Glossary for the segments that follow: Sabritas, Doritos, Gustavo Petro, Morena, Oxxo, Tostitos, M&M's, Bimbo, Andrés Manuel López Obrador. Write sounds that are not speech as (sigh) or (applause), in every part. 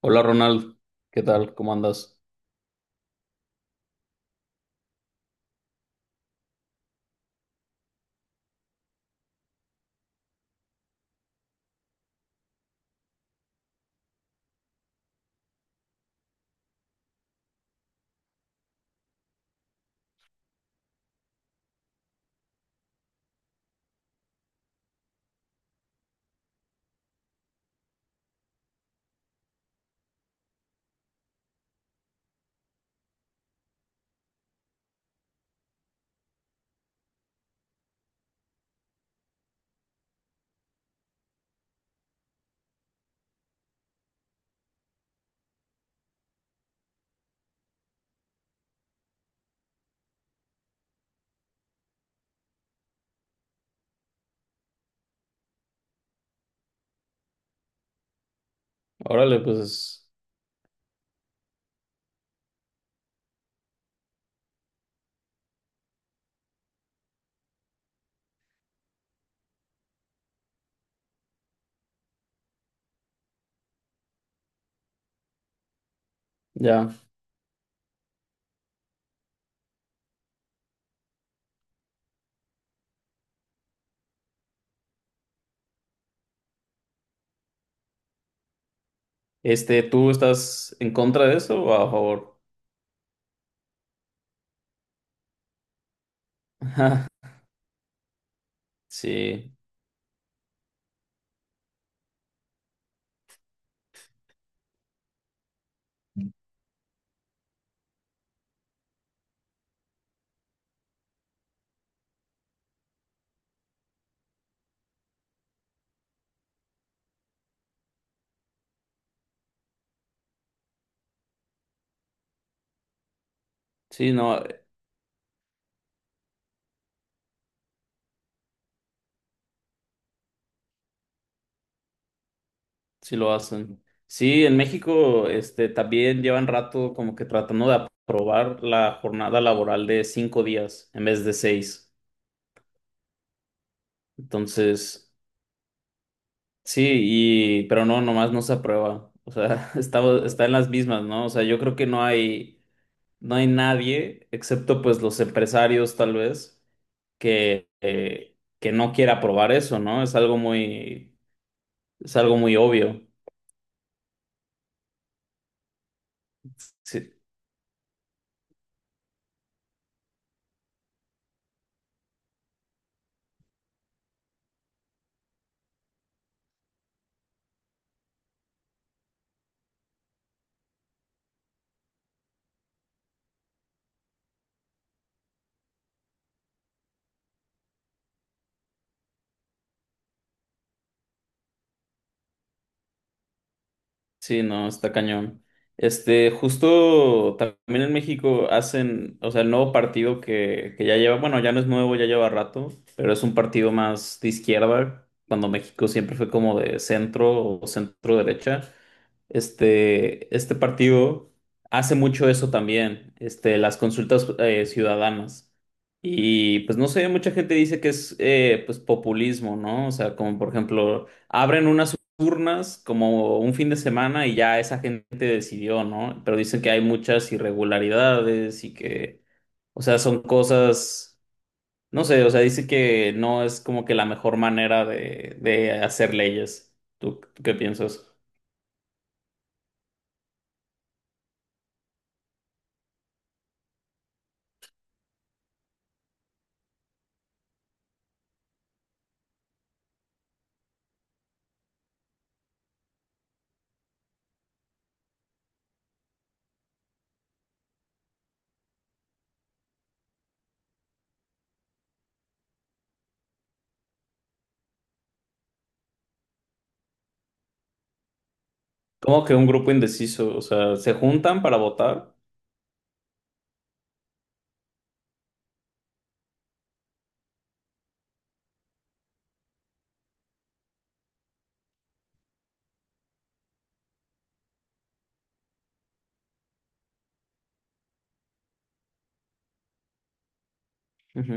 Hola Ronald, ¿qué tal? ¿Cómo andas? Órale, pues ya. Este, ¿tú estás en contra de eso o a favor? (laughs) Sí, sí, no, sí lo hacen. Sí, en México, este, también llevan rato como que tratando de aprobar la jornada laboral de 5 días en vez de seis. Entonces, sí, y, pero no, nomás no se aprueba. O sea, (laughs) está en las mismas, ¿no? O sea, yo creo que no hay. No hay nadie, excepto pues los empresarios tal vez, que no quiera probar eso, ¿no? Es algo muy obvio. Sí. Sí, no, está cañón. Este, justo también en México hacen, o sea, el nuevo partido que ya lleva, bueno, ya no es nuevo, ya lleva rato, pero es un partido más de izquierda, cuando México siempre fue como de centro o centro derecha. Este partido hace mucho eso también, este, las consultas ciudadanas. Y pues no sé, mucha gente dice que es pues populismo, ¿no? O sea, como por ejemplo, abren una turnas como un fin de semana y ya esa gente decidió, ¿no? Pero dicen que hay muchas irregularidades y que, o sea, son cosas, no sé, o sea, dice que no es como que la mejor manera de hacer leyes. ¿Tú qué piensas? Como que un grupo indeciso, o sea, se juntan para votar. Ujú.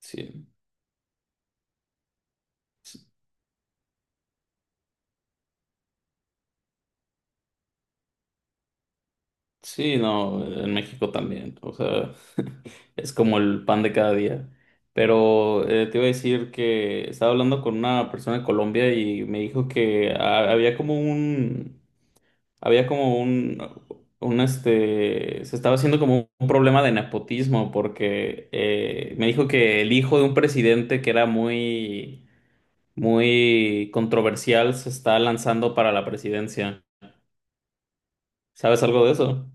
Sí. Sí, no, en México también, o sea, (laughs) es como el pan de cada día. Pero te iba a decir que estaba hablando con una persona de Colombia y me dijo que había como un se estaba haciendo como un problema de nepotismo porque me dijo que el hijo de un presidente que era muy, muy controversial se está lanzando para la presidencia. ¿Sabes algo de eso?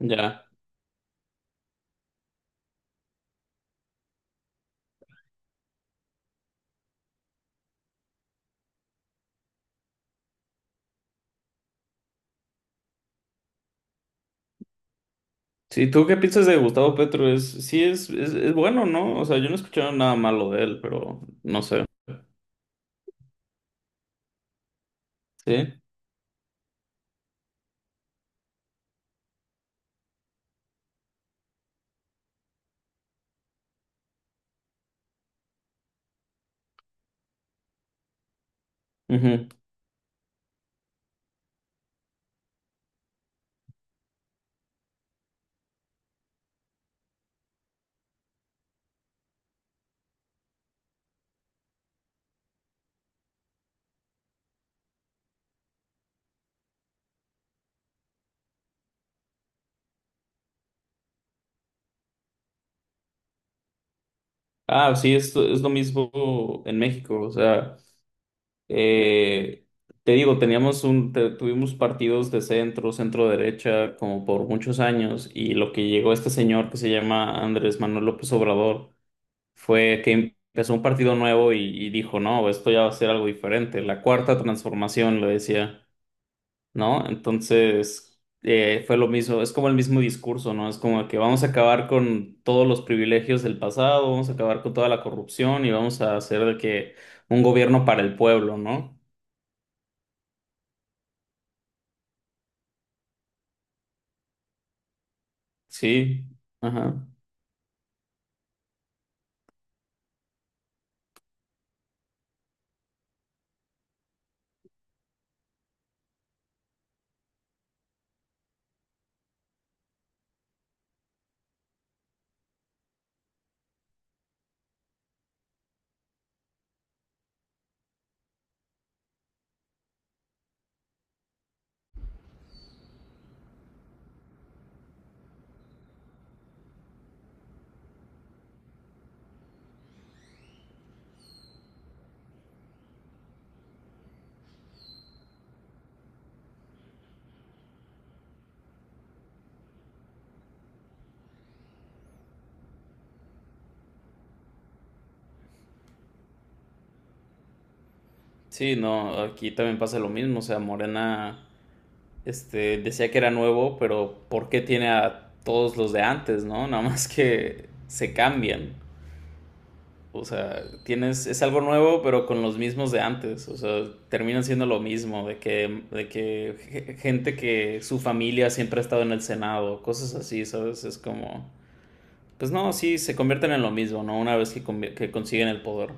Ya. Sí, ¿tú qué piensas de Gustavo Petro? Es, sí, es bueno, ¿no? O sea, yo no he escuchado nada malo de él, pero no sé. Sí. Ujú. Ah, sí, es lo mismo en México. O sea, eh, te digo, tuvimos partidos de centro, centro derecha, como por muchos años, y lo que llegó este señor que se llama Andrés Manuel López Obrador fue que empezó un partido nuevo y dijo, no, esto ya va a ser algo diferente. La cuarta transformación, lo decía, ¿no? Entonces, fue lo mismo, es como el mismo discurso, ¿no? Es como que vamos a acabar con todos los privilegios del pasado, vamos a acabar con toda la corrupción y vamos a hacer de que un gobierno para el pueblo, ¿no? Sí, ajá. Sí, no, aquí también pasa lo mismo, o sea, Morena, este, decía que era nuevo, pero, ¿por qué tiene a todos los de antes?, ¿no? (laughs) Nada más que se cambian. O sea, tienes, es algo nuevo, pero con los mismos de antes. O sea, terminan siendo lo mismo, de que gente que su familia siempre ha estado en el Senado, cosas así, ¿sabes? Es como, pues no, sí, se convierten en lo mismo, ¿no? Una vez que consiguen el poder.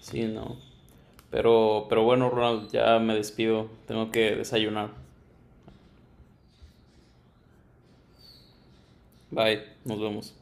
Sí, no. Pero bueno, Ronald, ya me despido. Tengo que desayunar. Bye, nos vemos.